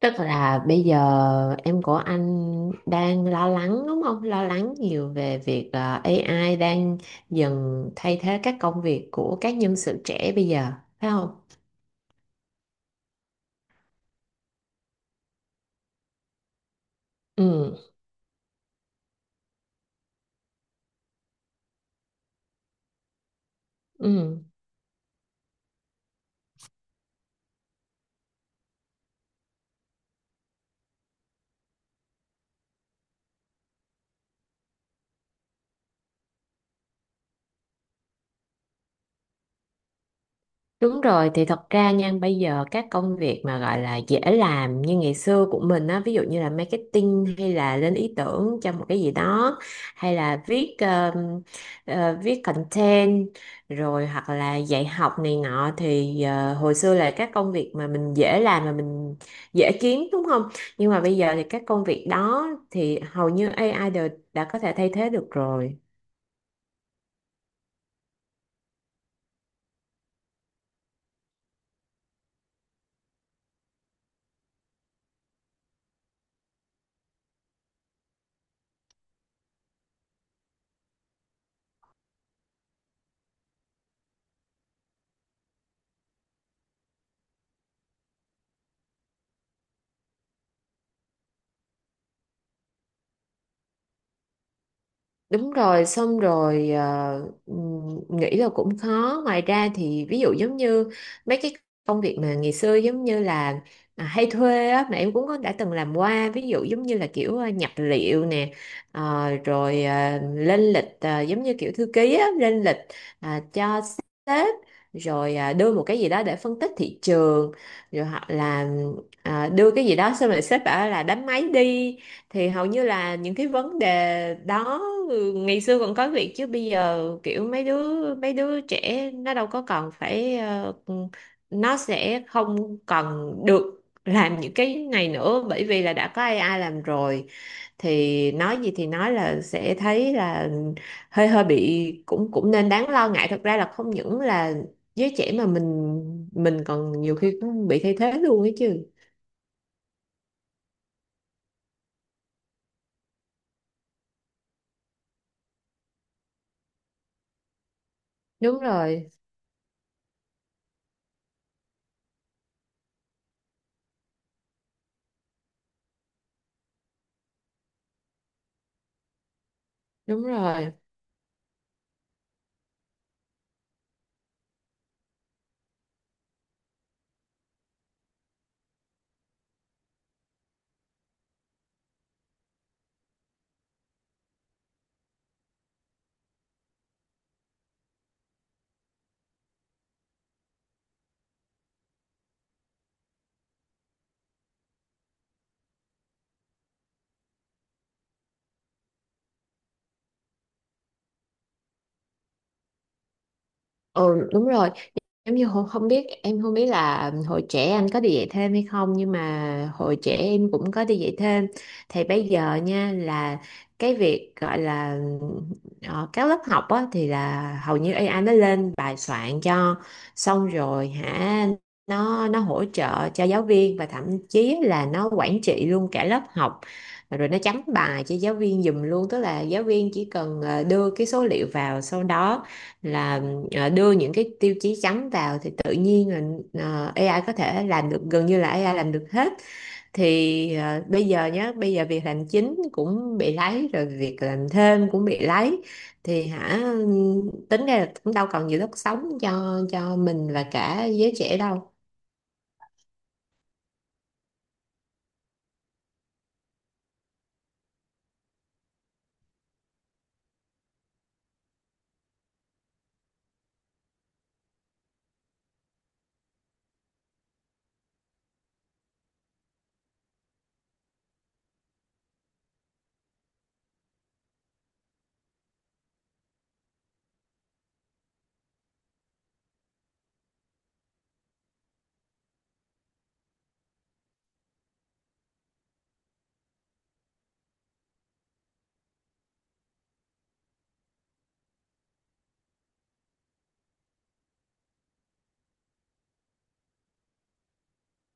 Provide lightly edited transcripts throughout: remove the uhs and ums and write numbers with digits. Tức là bây giờ em của anh đang lo lắng đúng không? Lo lắng nhiều về việc AI đang dần thay thế các công việc của các nhân sự trẻ bây giờ, phải không? Ừ, ừ. Đúng rồi, thì thật ra nha, bây giờ các công việc mà gọi là dễ làm như ngày xưa của mình á, ví dụ như là marketing hay là lên ý tưởng cho một cái gì đó, hay là viết content, rồi hoặc là dạy học này nọ thì hồi xưa là các công việc mà mình dễ làm mà mình dễ kiếm đúng không? Nhưng mà bây giờ thì các công việc đó thì hầu như AI đều đã có thể thay thế được rồi. Đúng rồi, xong rồi nghĩ là cũng khó. Ngoài ra thì ví dụ giống như mấy cái công việc mà ngày xưa giống như là hay thuê á, mà em cũng có đã từng làm qua. Ví dụ giống như là kiểu nhập liệu nè, lên lịch giống như kiểu thư ký á, lên lịch cho sếp, rồi đưa một cái gì đó để phân tích thị trường, rồi hoặc là đưa cái gì đó xong rồi sếp bảo là đánh máy đi thì hầu như là những cái vấn đề đó ừ, ngày xưa còn có việc chứ bây giờ kiểu mấy đứa trẻ nó đâu có còn phải ừ, nó sẽ không còn được làm những cái này nữa bởi vì là đã có AI làm rồi, thì nói gì thì nói là sẽ thấy là hơi hơi bị cũng cũng nên đáng lo ngại, thật ra là không những là giới trẻ mà mình còn nhiều khi cũng bị thay thế luôn ấy chứ. Đúng rồi, đúng rồi, ừ, đúng rồi. Giống như không biết là hồi trẻ anh có đi dạy thêm hay không, nhưng mà hồi trẻ em cũng có đi dạy thêm. Thì bây giờ nha là cái việc gọi là các lớp học á, thì là hầu như AI nó lên bài soạn cho xong rồi hả, nó hỗ trợ cho giáo viên và thậm chí là nó quản trị luôn cả lớp học, rồi nó chấm bài cho giáo viên giùm luôn. Tức là giáo viên chỉ cần đưa cái số liệu vào, sau đó là đưa những cái tiêu chí trắng vào thì tự nhiên là AI có thể làm được, gần như là AI làm được hết. Thì bây giờ nhá, bây giờ việc làm chính cũng bị lấy rồi, việc làm thêm cũng bị lấy thì hả, tính ra là cũng đâu còn nhiều đất sống cho mình và cả giới trẻ đâu.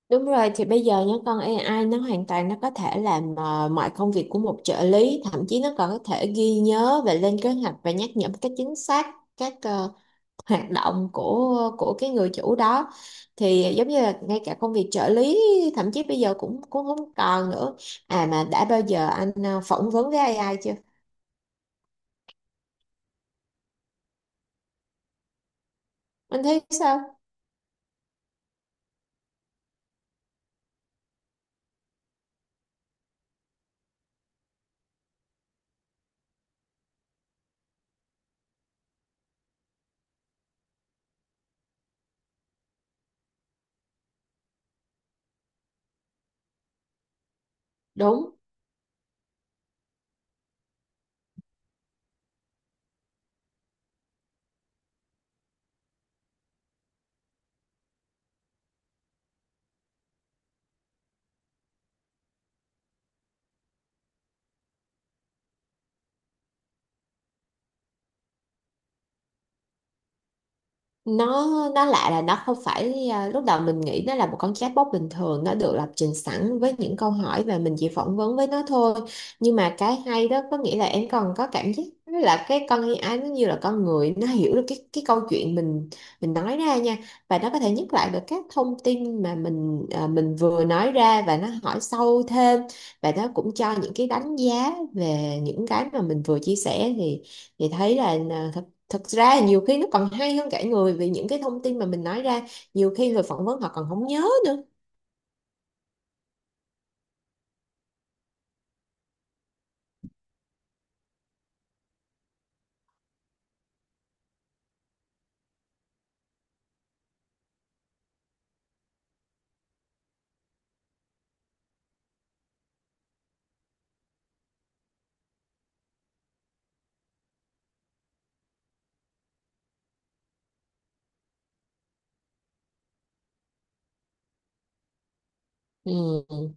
Đúng rồi, thì bây giờ nhá, con AI nó hoàn toàn có thể làm mọi công việc của một trợ lý, thậm chí nó còn có thể ghi nhớ và lên kế hoạch và nhắc nhở một cách chính xác các hoạt động của cái người chủ đó. Thì giống như là ngay cả công việc trợ lý thậm chí bây giờ cũng cũng không còn nữa. À mà đã bao giờ anh phỏng vấn với AI chưa? Anh thấy sao? Đúng, nó nó lạ là nó không phải, à, lúc đầu mình nghĩ nó là một con chatbot bình thường, nó được lập trình sẵn với những câu hỏi và mình chỉ phỏng vấn với nó thôi. Nhưng mà cái hay đó có nghĩa là em còn có cảm giác là cái con AI nó như là con người, nó hiểu được cái câu chuyện mình nói ra nha, và nó có thể nhắc lại được các thông tin mà mình vừa nói ra, và nó hỏi sâu thêm, và nó cũng cho những cái đánh giá về những cái mà mình vừa chia sẻ, thì thấy là à, thật thực ra nhiều khi nó còn hay hơn cả người, vì những cái thông tin mà mình nói ra nhiều khi người phỏng vấn họ còn không nhớ nữa. Ừ.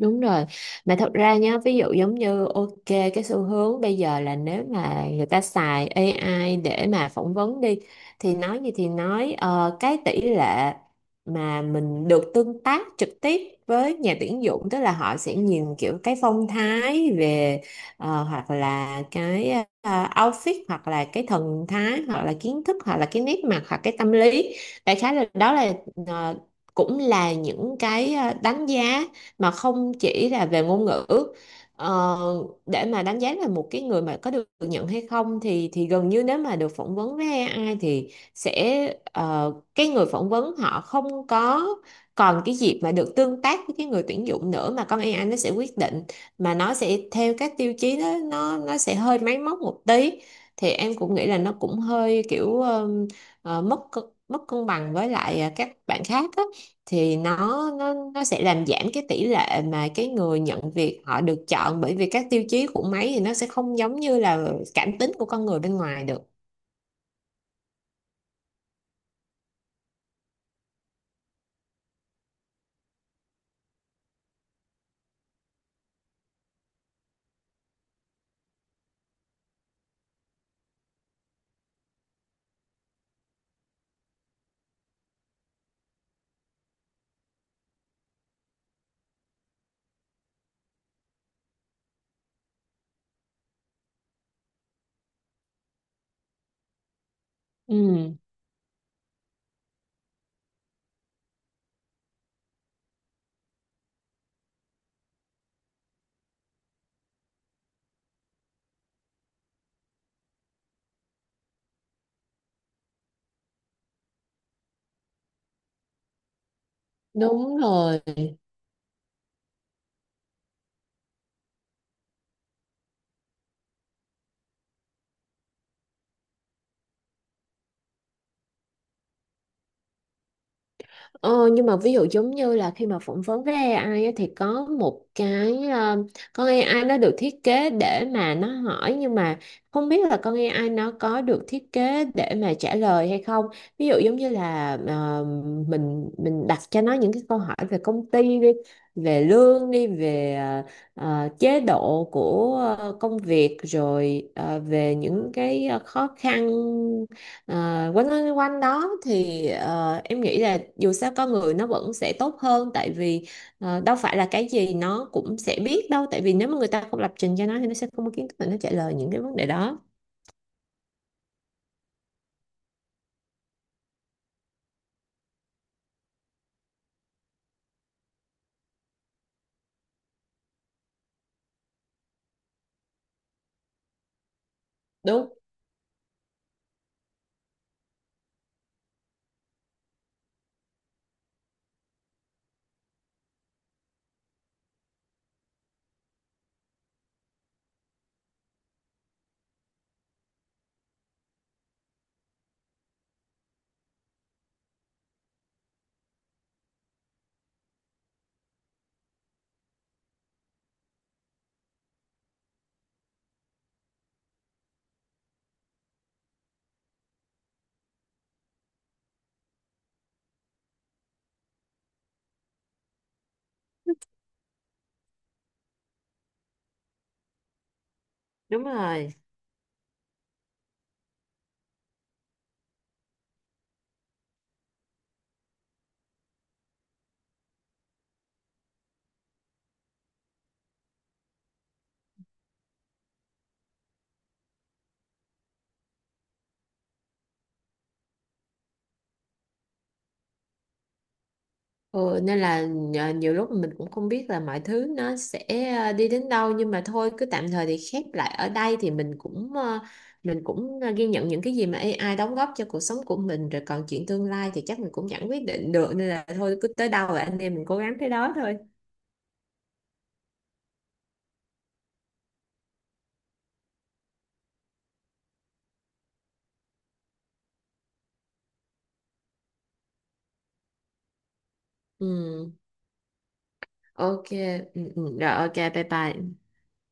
Đúng rồi, mà thật ra nhá, ví dụ giống như ok, cái xu hướng bây giờ là nếu mà người ta xài AI để mà phỏng vấn đi, thì nói gì thì nói, cái tỷ lệ mà mình được tương tác trực tiếp với nhà tuyển dụng, tức là họ sẽ nhìn kiểu cái phong thái về hoặc là cái outfit hoặc là cái thần thái hoặc là kiến thức hoặc là cái nét mặt hoặc cái tâm lý, đại khái là đó là ờ, cũng là những cái đánh giá mà không chỉ là về ngôn ngữ. Ờ, để mà đánh giá là một cái người mà có được nhận hay không, thì gần như nếu mà được phỏng vấn với AI thì sẽ cái người phỏng vấn họ không có còn cái dịp mà được tương tác với cái người tuyển dụng nữa, mà con AI nó sẽ quyết định, mà nó sẽ theo các tiêu chí đó nó sẽ hơi máy móc một tí. Thì em cũng nghĩ là nó cũng hơi kiểu mất cân bằng với lại các bạn khác á, thì nó sẽ làm giảm cái tỷ lệ mà cái người nhận việc họ được chọn, bởi vì các tiêu chí của máy thì nó sẽ không giống như là cảm tính của con người bên ngoài được. Ừ, đúng rồi. Ờ, nhưng mà ví dụ giống như là khi mà phỏng vấn với AI á, thì có một cái con AI nó được thiết kế để mà nó hỏi, nhưng mà không biết là con AI nó có được thiết kế để mà trả lời hay không. Ví dụ giống như là mình đặt cho nó những cái câu hỏi về công ty đi, về lương đi, về chế độ của công việc, rồi về những cái khó khăn. Ờ, quanh quanh quanh đó thì em nghĩ là dù sao con người nó vẫn sẽ tốt hơn, tại vì đâu phải là cái gì nó cũng sẽ biết đâu, tại vì nếu mà người ta không lập trình cho nó thì nó sẽ không có kiến thức để nó trả lời những cái vấn đề đó. Đúng, đúng rồi. Ừ, nên là nhiều lúc mình cũng không biết là mọi thứ nó sẽ đi đến đâu, nhưng mà thôi cứ tạm thời thì khép lại ở đây, thì mình cũng ghi nhận những cái gì mà AI đóng góp cho cuộc sống của mình rồi, còn chuyện tương lai thì chắc mình cũng chẳng quyết định được, nên là thôi cứ tới đâu là anh em mình cố gắng tới đó thôi. Ừ, ok, ừ, ừ, rồi ok, bye bye.